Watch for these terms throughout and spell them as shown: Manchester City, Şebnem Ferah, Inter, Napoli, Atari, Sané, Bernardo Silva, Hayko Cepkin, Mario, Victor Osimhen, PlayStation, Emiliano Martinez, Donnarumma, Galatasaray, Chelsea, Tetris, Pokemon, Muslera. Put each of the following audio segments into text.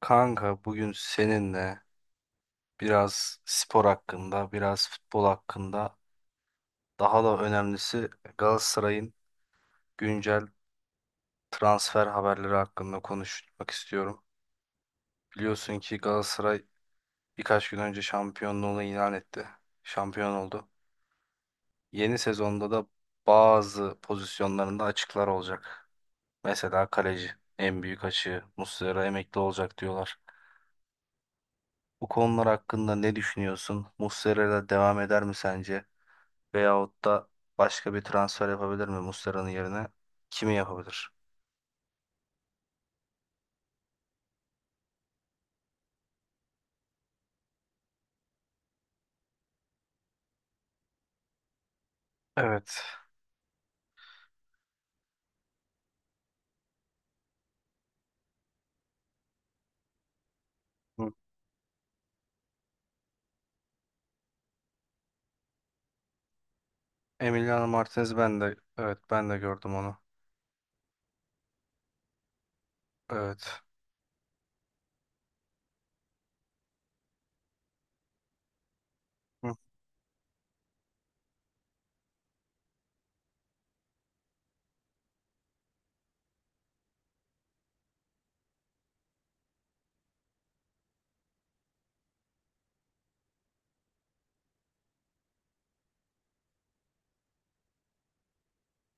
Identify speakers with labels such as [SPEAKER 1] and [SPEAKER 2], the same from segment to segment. [SPEAKER 1] Kanka bugün seninle biraz spor hakkında, biraz futbol hakkında, daha da önemlisi Galatasaray'ın güncel transfer haberleri hakkında konuşmak istiyorum. Biliyorsun ki Galatasaray birkaç gün önce şampiyonluğunu ilan etti. Şampiyon oldu. Yeni sezonda da bazı pozisyonlarında açıklar olacak. Mesela kaleci, en büyük açığı Muslera emekli olacak diyorlar. Bu konular hakkında ne düşünüyorsun? Muslera'yla devam eder mi sence? Veyahut da başka bir transfer yapabilir mi Muslera'nın yerine? Kimi yapabilir? Evet. Hı. Emiliano Martinez ben de evet ben de gördüm onu. Evet. Hı.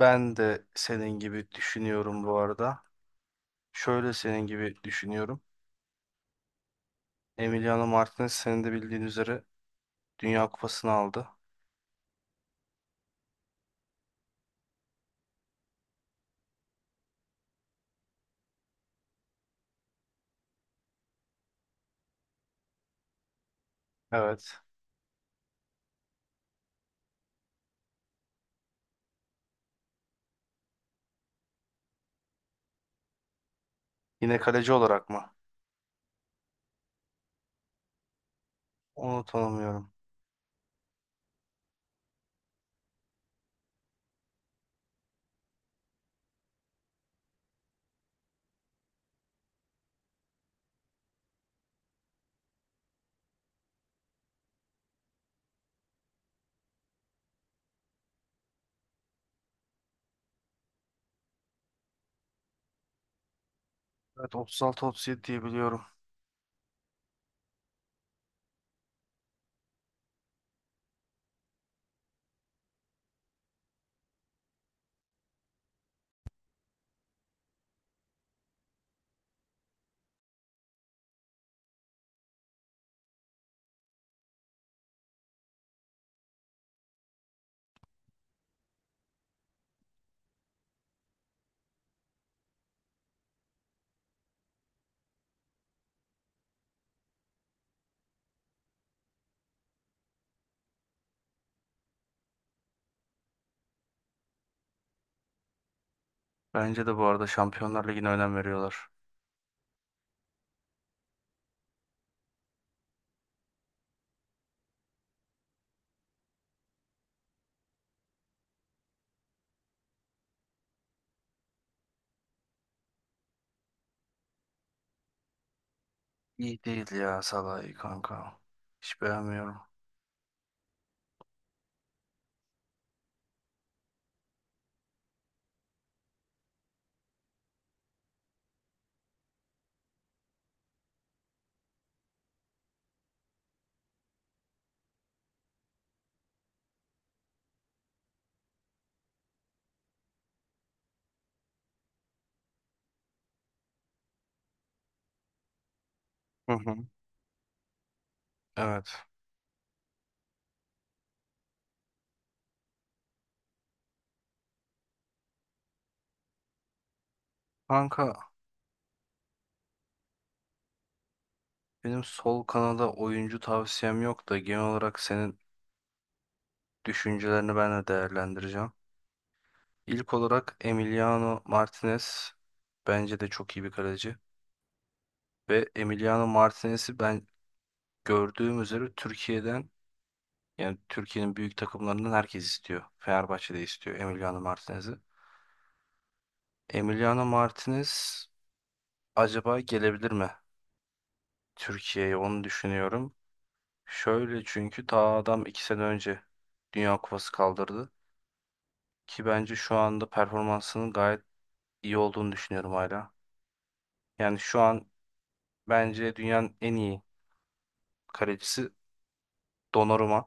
[SPEAKER 1] Ben de senin gibi düşünüyorum bu arada. Şöyle senin gibi düşünüyorum. Emiliano Martinez senin de bildiğin üzere Dünya Kupası'nı aldı. Evet. Yine kaleci olarak mı? Onu tanımıyorum. Evet, 36-37 diye biliyorum. Bence de bu arada Şampiyonlar Ligi'ne önem veriyorlar. İyi değil ya Salah'ı kanka. Hiç beğenmiyorum. Hı hı. Evet. Kanka benim sol kanada oyuncu tavsiyem yok da genel olarak senin düşüncelerini ben de değerlendireceğim. İlk olarak Emiliano Martinez bence de çok iyi bir kaleci. Ve Emiliano Martinez'i ben gördüğüm üzere Türkiye'den yani Türkiye'nin büyük takımlarından herkes istiyor. Fenerbahçe de istiyor Emiliano Martinez'i. Emiliano Martinez acaba gelebilir mi Türkiye'ye onu düşünüyorum. Şöyle çünkü ta adam 2 sene önce Dünya Kupası kaldırdı. Ki bence şu anda performansının gayet iyi olduğunu düşünüyorum hala. Yani şu an bence dünyanın en iyi kalecisi Donnarumma.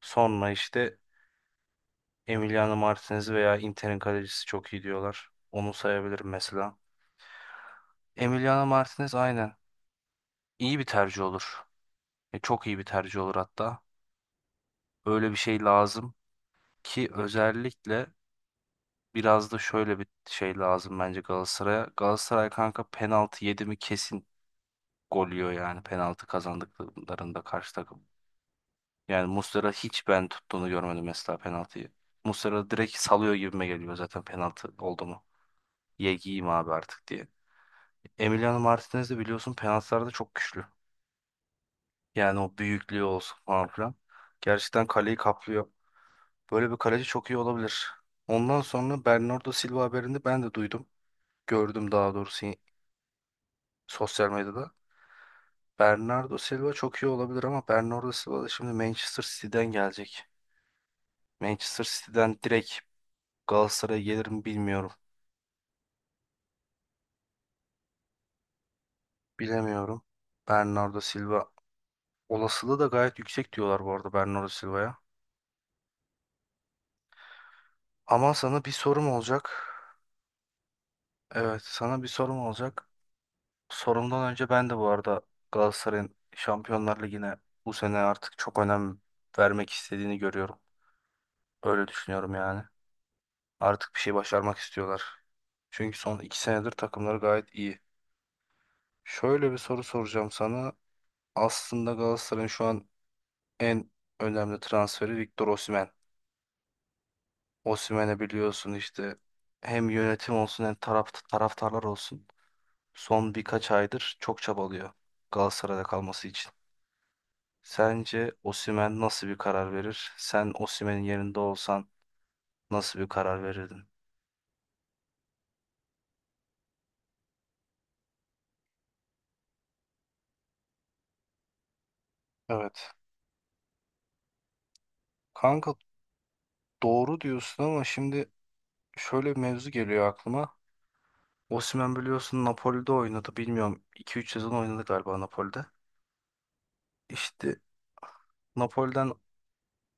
[SPEAKER 1] Sonra işte Emiliano Martinez veya Inter'in kalecisi çok iyi diyorlar. Onu sayabilirim mesela. Emiliano Martinez aynen iyi bir tercih olur. E, çok iyi bir tercih olur hatta. Öyle bir şey lazım ki özellikle biraz da şöyle bir şey lazım bence Galatasaray'a. Galatasaray kanka penaltı yedi mi kesin gol yiyor yani penaltı kazandıklarında karşı takım. Yani Muslera hiç ben tuttuğunu görmedim mesela penaltıyı. Muslera direkt salıyor gibime geliyor zaten penaltı oldu mu. Ye giyeyim abi artık diye. Emiliano Martinez de biliyorsun penaltılarda çok güçlü. Yani o büyüklüğü olsun falan filan. Gerçekten kaleyi kaplıyor. Böyle bir kaleci çok iyi olabilir. Ondan sonra Bernardo Silva haberini ben de duydum. Gördüm daha doğrusu sosyal medyada. Bernardo Silva çok iyi olabilir ama Bernardo Silva da şimdi Manchester City'den gelecek. Manchester City'den direkt Galatasaray'a gelir mi bilmiyorum. Bilemiyorum. Bernardo Silva olasılığı da gayet yüksek diyorlar bu arada Bernardo Silva'ya. Ama sana bir sorum olacak. Evet, sana bir sorum olacak. Sorumdan önce ben de bu arada Galatasaray'ın Şampiyonlar Ligi'ne bu sene artık çok önem vermek istediğini görüyorum. Öyle düşünüyorum yani. Artık bir şey başarmak istiyorlar. Çünkü son 2 senedir takımları gayet iyi. Şöyle bir soru soracağım sana. Aslında Galatasaray'ın şu an en önemli transferi Victor Osimhen. Osimhen'i biliyorsun işte hem yönetim olsun hem taraftarlar olsun. Son birkaç aydır çok çabalıyor Galatasaray'da kalması için. Sence Osimhen nasıl bir karar verir? Sen Osimhen'in yerinde olsan nasıl bir karar verirdin? Evet. Kanka doğru diyorsun ama şimdi şöyle bir mevzu geliyor aklıma. Osimhen biliyorsun Napoli'de oynadı. Bilmiyorum 2-3 sezon oynadı galiba Napoli'de. İşte Napoli'den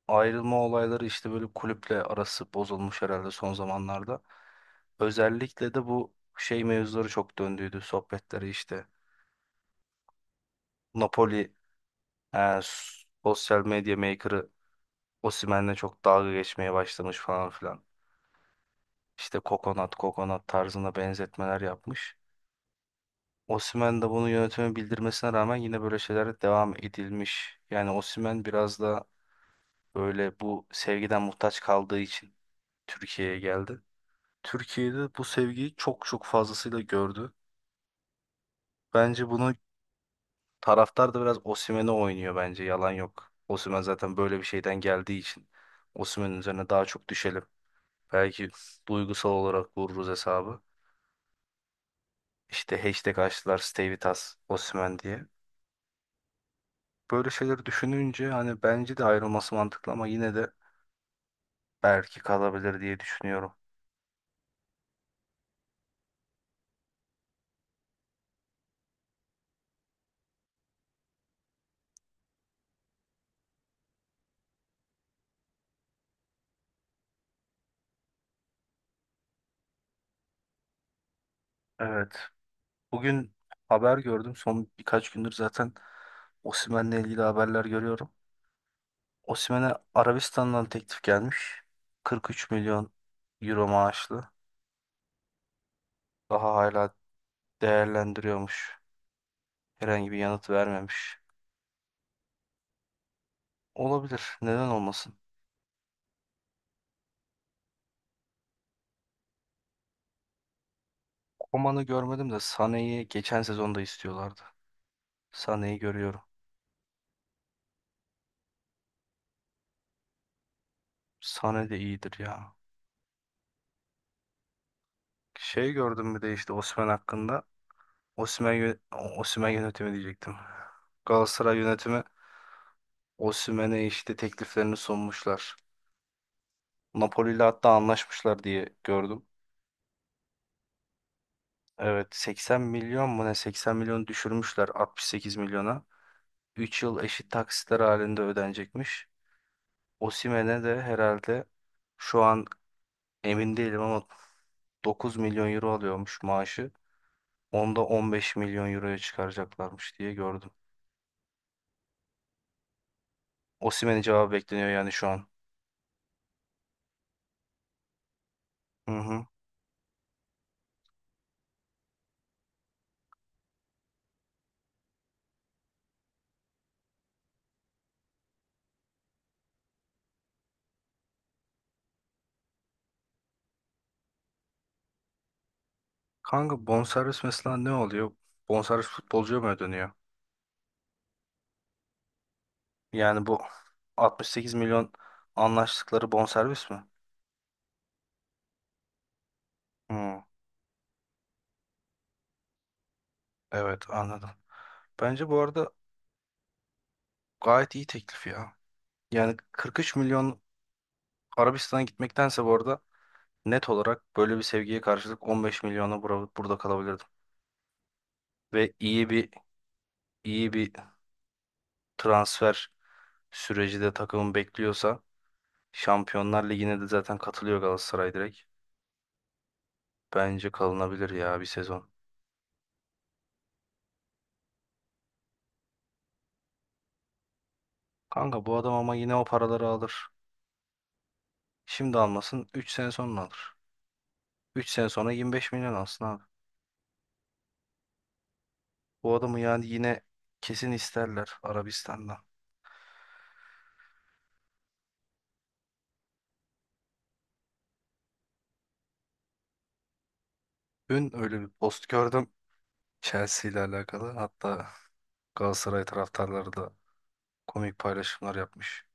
[SPEAKER 1] ayrılma olayları işte böyle kulüple arası bozulmuş herhalde son zamanlarda. Özellikle de bu şey mevzuları çok döndüydü sohbetleri işte. Napoli e, sosyal medya maker'ı Osimhen'le çok dalga geçmeye başlamış falan filan. İşte kokonat kokonat tarzına benzetmeler yapmış. Osimhen de bunu yönetime bildirmesine rağmen yine böyle şeylere devam edilmiş. Yani Osimhen biraz da böyle bu sevgiden muhtaç kaldığı için Türkiye'ye geldi. Türkiye'de bu sevgiyi çok çok fazlasıyla gördü. Bence bunu taraftar da biraz Osimhen'e oynuyor bence yalan yok. Osimhen zaten böyle bir şeyden geldiği için Osimhen'in üzerine daha çok düşelim. Belki duygusal olarak vururuz hesabı. İşte hashtag açtılar Stay With Us Osimhen diye. Böyle şeyleri düşününce hani bence de ayrılması mantıklı ama yine de belki kalabilir diye düşünüyorum. Evet. Bugün haber gördüm. Son birkaç gündür zaten Osimhen'le ilgili haberler görüyorum. Osimhen'e Arabistan'dan teklif gelmiş. 43 milyon euro maaşlı. Daha hala değerlendiriyormuş. Herhangi bir yanıt vermemiş. Olabilir. Neden olmasın? Koman'ı görmedim de Sané'yi geçen sezonda istiyorlardı. Sané'yi görüyorum. Sané de iyidir ya. Şey gördüm bir de işte Osimhen hakkında. Osimhen, yö- Osimhen yönetimi diyecektim. Galatasaray yönetimi Osimhen'e işte tekliflerini sunmuşlar. Napoli ile hatta anlaşmışlar diye gördüm. Evet, 80 milyon mu ne 80 milyon düşürmüşler 68 milyona. 3 yıl eşit taksitler halinde ödenecekmiş. Osimhen'e de herhalde şu an emin değilim ama 9 milyon euro alıyormuş maaşı. Onda 15 milyon euroya çıkaracaklarmış diye gördüm. Osimhen'in cevabı bekleniyor yani şu an. Hı hı. Kanka bonservis mesela ne oluyor? Bonservis futbolcuya mı ödeniyor? Yani bu 68 milyon anlaştıkları bonservis mi? Hı. Evet, anladım. Bence bu arada gayet iyi teklif ya. Yani 43 milyon Arabistan'a gitmektense bu arada net olarak böyle bir sevgiye karşılık 15 milyona burada kalabilirdim. Ve iyi bir transfer süreci de takımın bekliyorsa Şampiyonlar Ligi'ne de zaten katılıyor Galatasaray direkt. Bence kalınabilir ya bir sezon. Kanka bu adam ama yine o paraları alır. Şimdi almasın 3 sene sonra alır. 3 sene sonra 25 milyon alsın abi. Bu adamı yani yine kesin isterler Arabistan'dan. Dün öyle bir post gördüm Chelsea ile alakalı. Hatta Galatasaray taraftarları da komik paylaşımlar yapmış.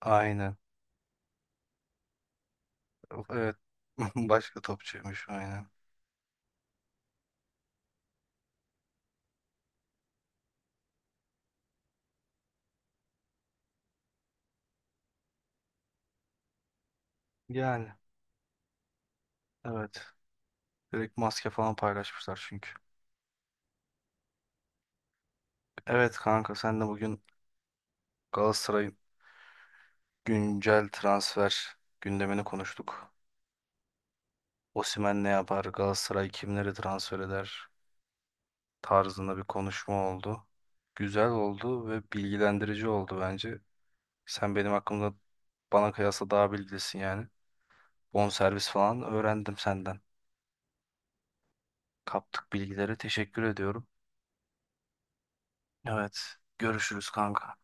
[SPEAKER 1] Aynen. Evet. Başka topçuymuş aynen. Yani evet. Direkt maske falan paylaşmışlar çünkü. Evet kanka, sen de bugün Galatasaray'ın güncel transfer gündemini konuştuk. Osimhen ne yapar, Galatasaray kimleri transfer eder tarzında bir konuşma oldu. Güzel oldu ve bilgilendirici oldu bence. Sen benim hakkımda bana kıyasla daha bilgilisin yani. Bonservis falan öğrendim senden. Kaptık bilgileri. Teşekkür ediyorum. Evet, görüşürüz kanka.